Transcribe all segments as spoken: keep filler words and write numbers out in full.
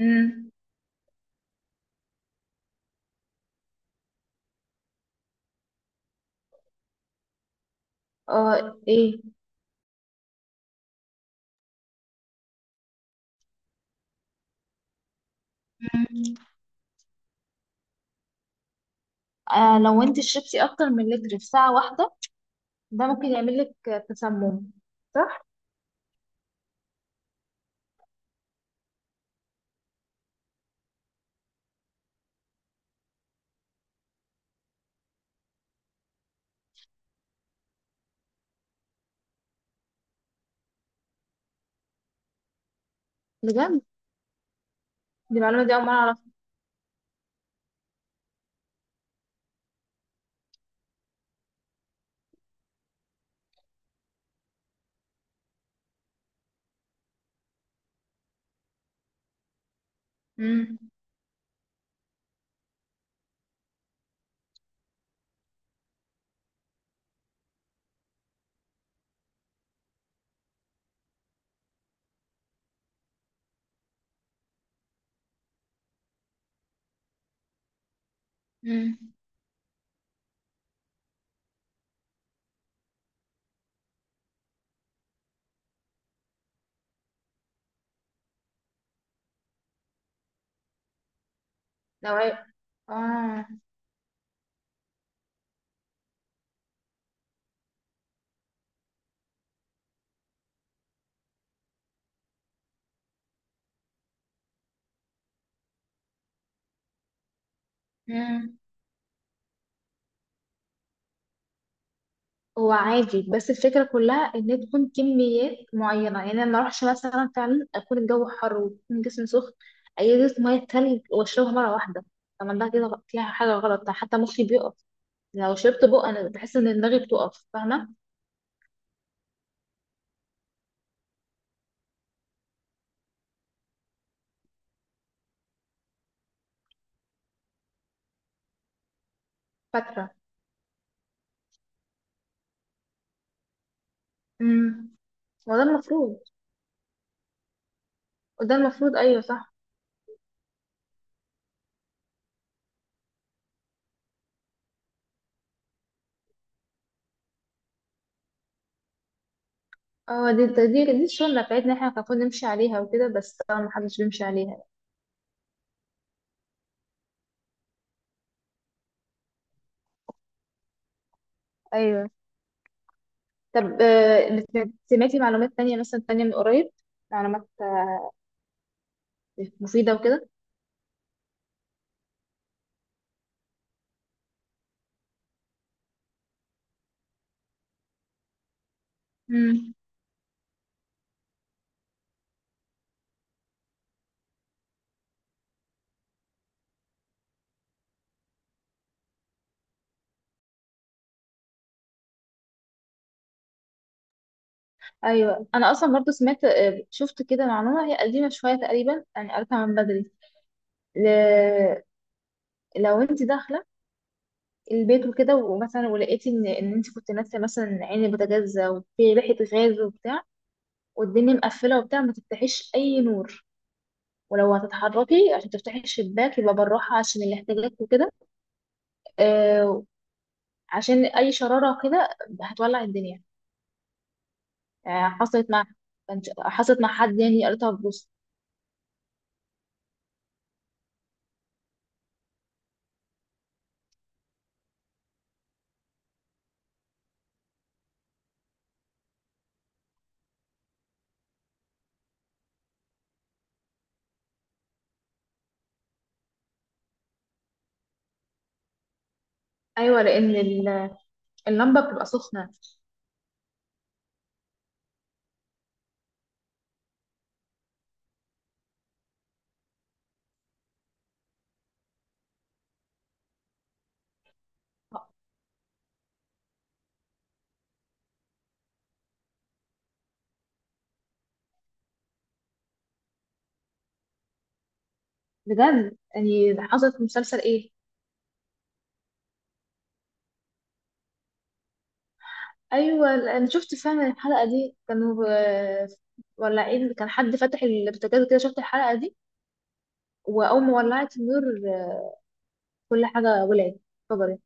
امم اه ايه. امم آه، لو انت شربتي اكتر من لتر في ساعة واحدة، ده ممكن يعمل لك تسمم، صح؟ بجد؟ دي المعلومة دي اول مرة اعرفها. امم امم لو عي- اه امم هو عادي، بس الفكرة كلها ان تكون كميات معينة. يعني انا ما اروحش مثلا فعلا اكون الجو حر ويكون جسمي سخن اجيب مية تلج واشربها مرة واحدة. طب ده كده غ- فيها حاجة غلط؟ حتى مخي بيقف. لو شربت بق انا بحس ان دماغي بتقف، فاهمة؟ فاترة. امم وده المفروض وده المفروض ايوه صح. اه، دي دي دي السنه بتاعتنا احنا كان المفروض نمشي عليها وكده، بس طبعا ما حدش بيمشي عليها. ايوه. طب، آه، بت- سمعتي معلومات تانية مثلا، تانية من قريب؟ معلومات آه، مفيده وكده؟ امم ايوه، انا اصلا برضو سمعت، آه، شفت كده معلومه هي قديمه شويه تقريبا، يعني قريتها من بدري. ل... لو انت داخله البيت وكده، ومثلا ولقيتي ان ان انت كنت ناسيه مثلا عين البوتاجاز وفي ريحه غاز وبتاع، والدنيا مقفله وبتاع، ما تفتحيش اي نور. ولو هتتحركي عشان تفتحي الشباك يبقى بالراحه عشان الاحتياجات وكده. آه، عشان اي شراره كده هتولع الدنيا. آه، حصلت مع كانت- حصلت مع حد يعني، قريتها في بوست. ايوه، لان ال- اللمبه بتبقى سخنه. بجد؟ يعني حصلت في مسلسل ايه؟ ايوه انا شفت فعلا الحلقه دي، كانوا آه، ولعين، كان حد فتح البوتاجاز كده، شفت الحلقه دي. واول ما ولعت النور آه، كل حاجه ولعت، اتفجرت.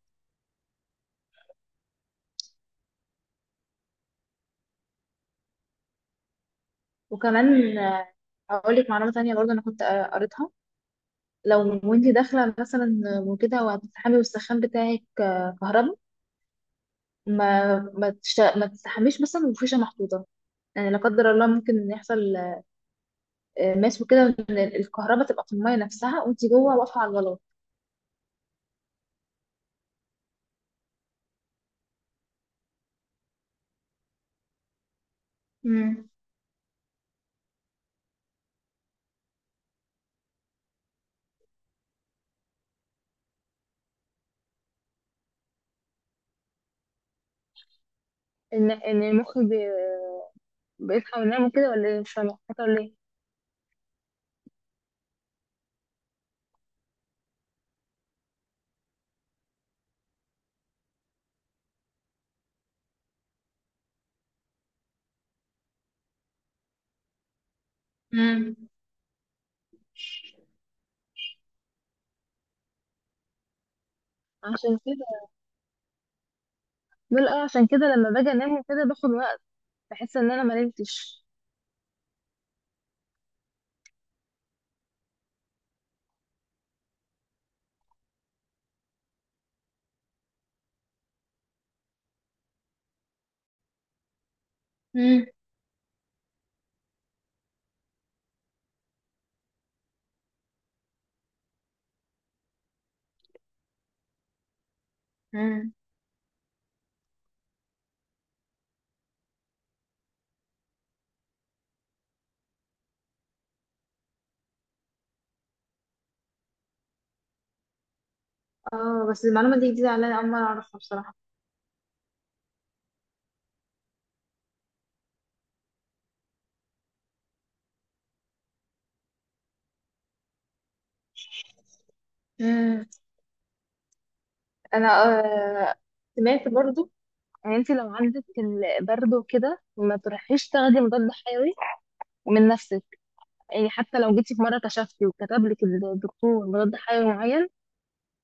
وكمان آه، هقول لك معلومة تانية برضه، أنا كنت آه، قريتها. لو وانتي داخلة مثلا وكده وهتستحمي والسخان بتاعك آه، كهرباء، ما ما, تش... ما تستحميش مثلا وفيشة محطوطة. يعني لا قدر الله ممكن يحصل آه، ماس وكده، وإن الكهرباء تبقى في المية نفسها وانتي جوه واقفة على الغلاط. امم ان ان المخ بي... بيصحى وينام وكده، ولا ايه؟ مش فاهمه خطر ليه. مم. عشان كده بقول اه، عشان كده لما باجي انام وكده باخد وقت، بحس ان انا ما نمتش. مم. مم. اه بس المعلومة دي جديدة عليا، أول مرة أعرفها بصراحة. امم أنا آه سمعت برضو، يعني انت لو عندك البرد وكده ما تروحيش تاخدي مضاد حيوي من نفسك. يعني حتى لو جيتي في مرة كشفتي وكتب لك الدكتور مضاد حيوي معين،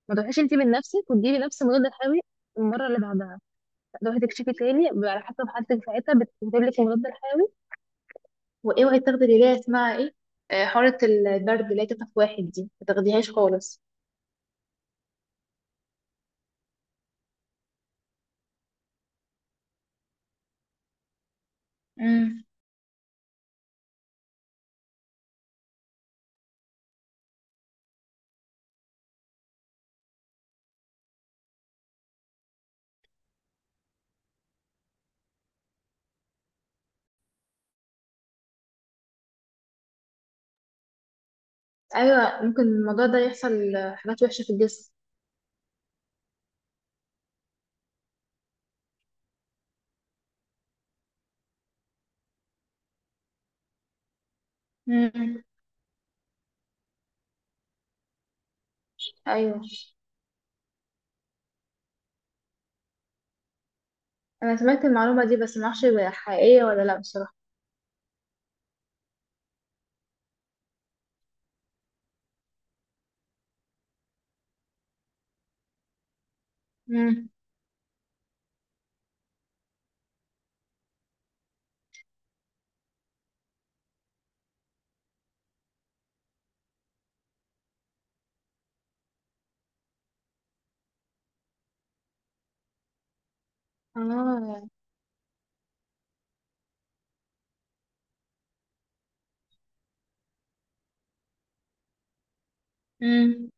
ما تروحيش انت من نفسك وتجيبي نفس المضاد الحيوي المرة اللي بعدها. تروحي تكشفي تاني، بيبقى على حسب حالتك ساعتها بتكتب لك المضاد الحيوي. واوعي تاخدي اللي هي اسمها ايه، آه، حارة البرد اللي هي تطف واحد دي ما تاخديهاش خالص. ايوه، ممكن الموضوع ده يحصل حاجات وحشه في الجسم. امم ايوه انا سمعت المعلومه دي، بس ما اعرفش هي حقيقيه ولا لا بصراحه. امم اه امم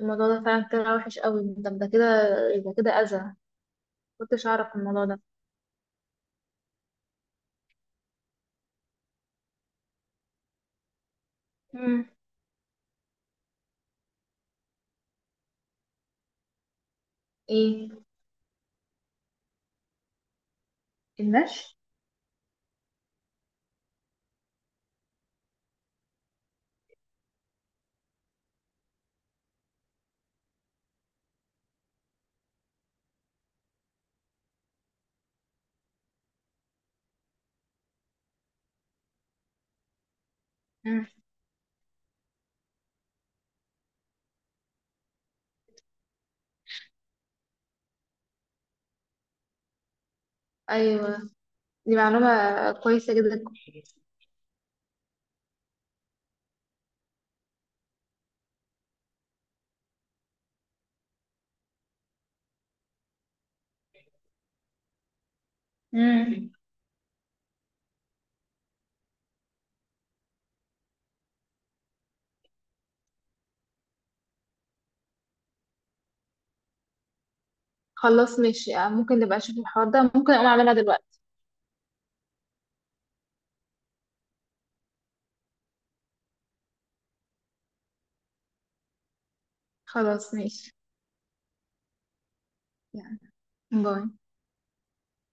الموضوع ده فعلا طلع وحش قوي. ده ده كده يبقى كده اذى، كنتش اعرف الموضوع ده. امم ايه؟ النش. امم ايوه، دي معلومه كويسه جدا. امم خلاص ماشي، ممكن نبقى نشوف الحوار ده، ممكن اقوم اعملها دلوقتي. خلاص ماشي يعني. باي.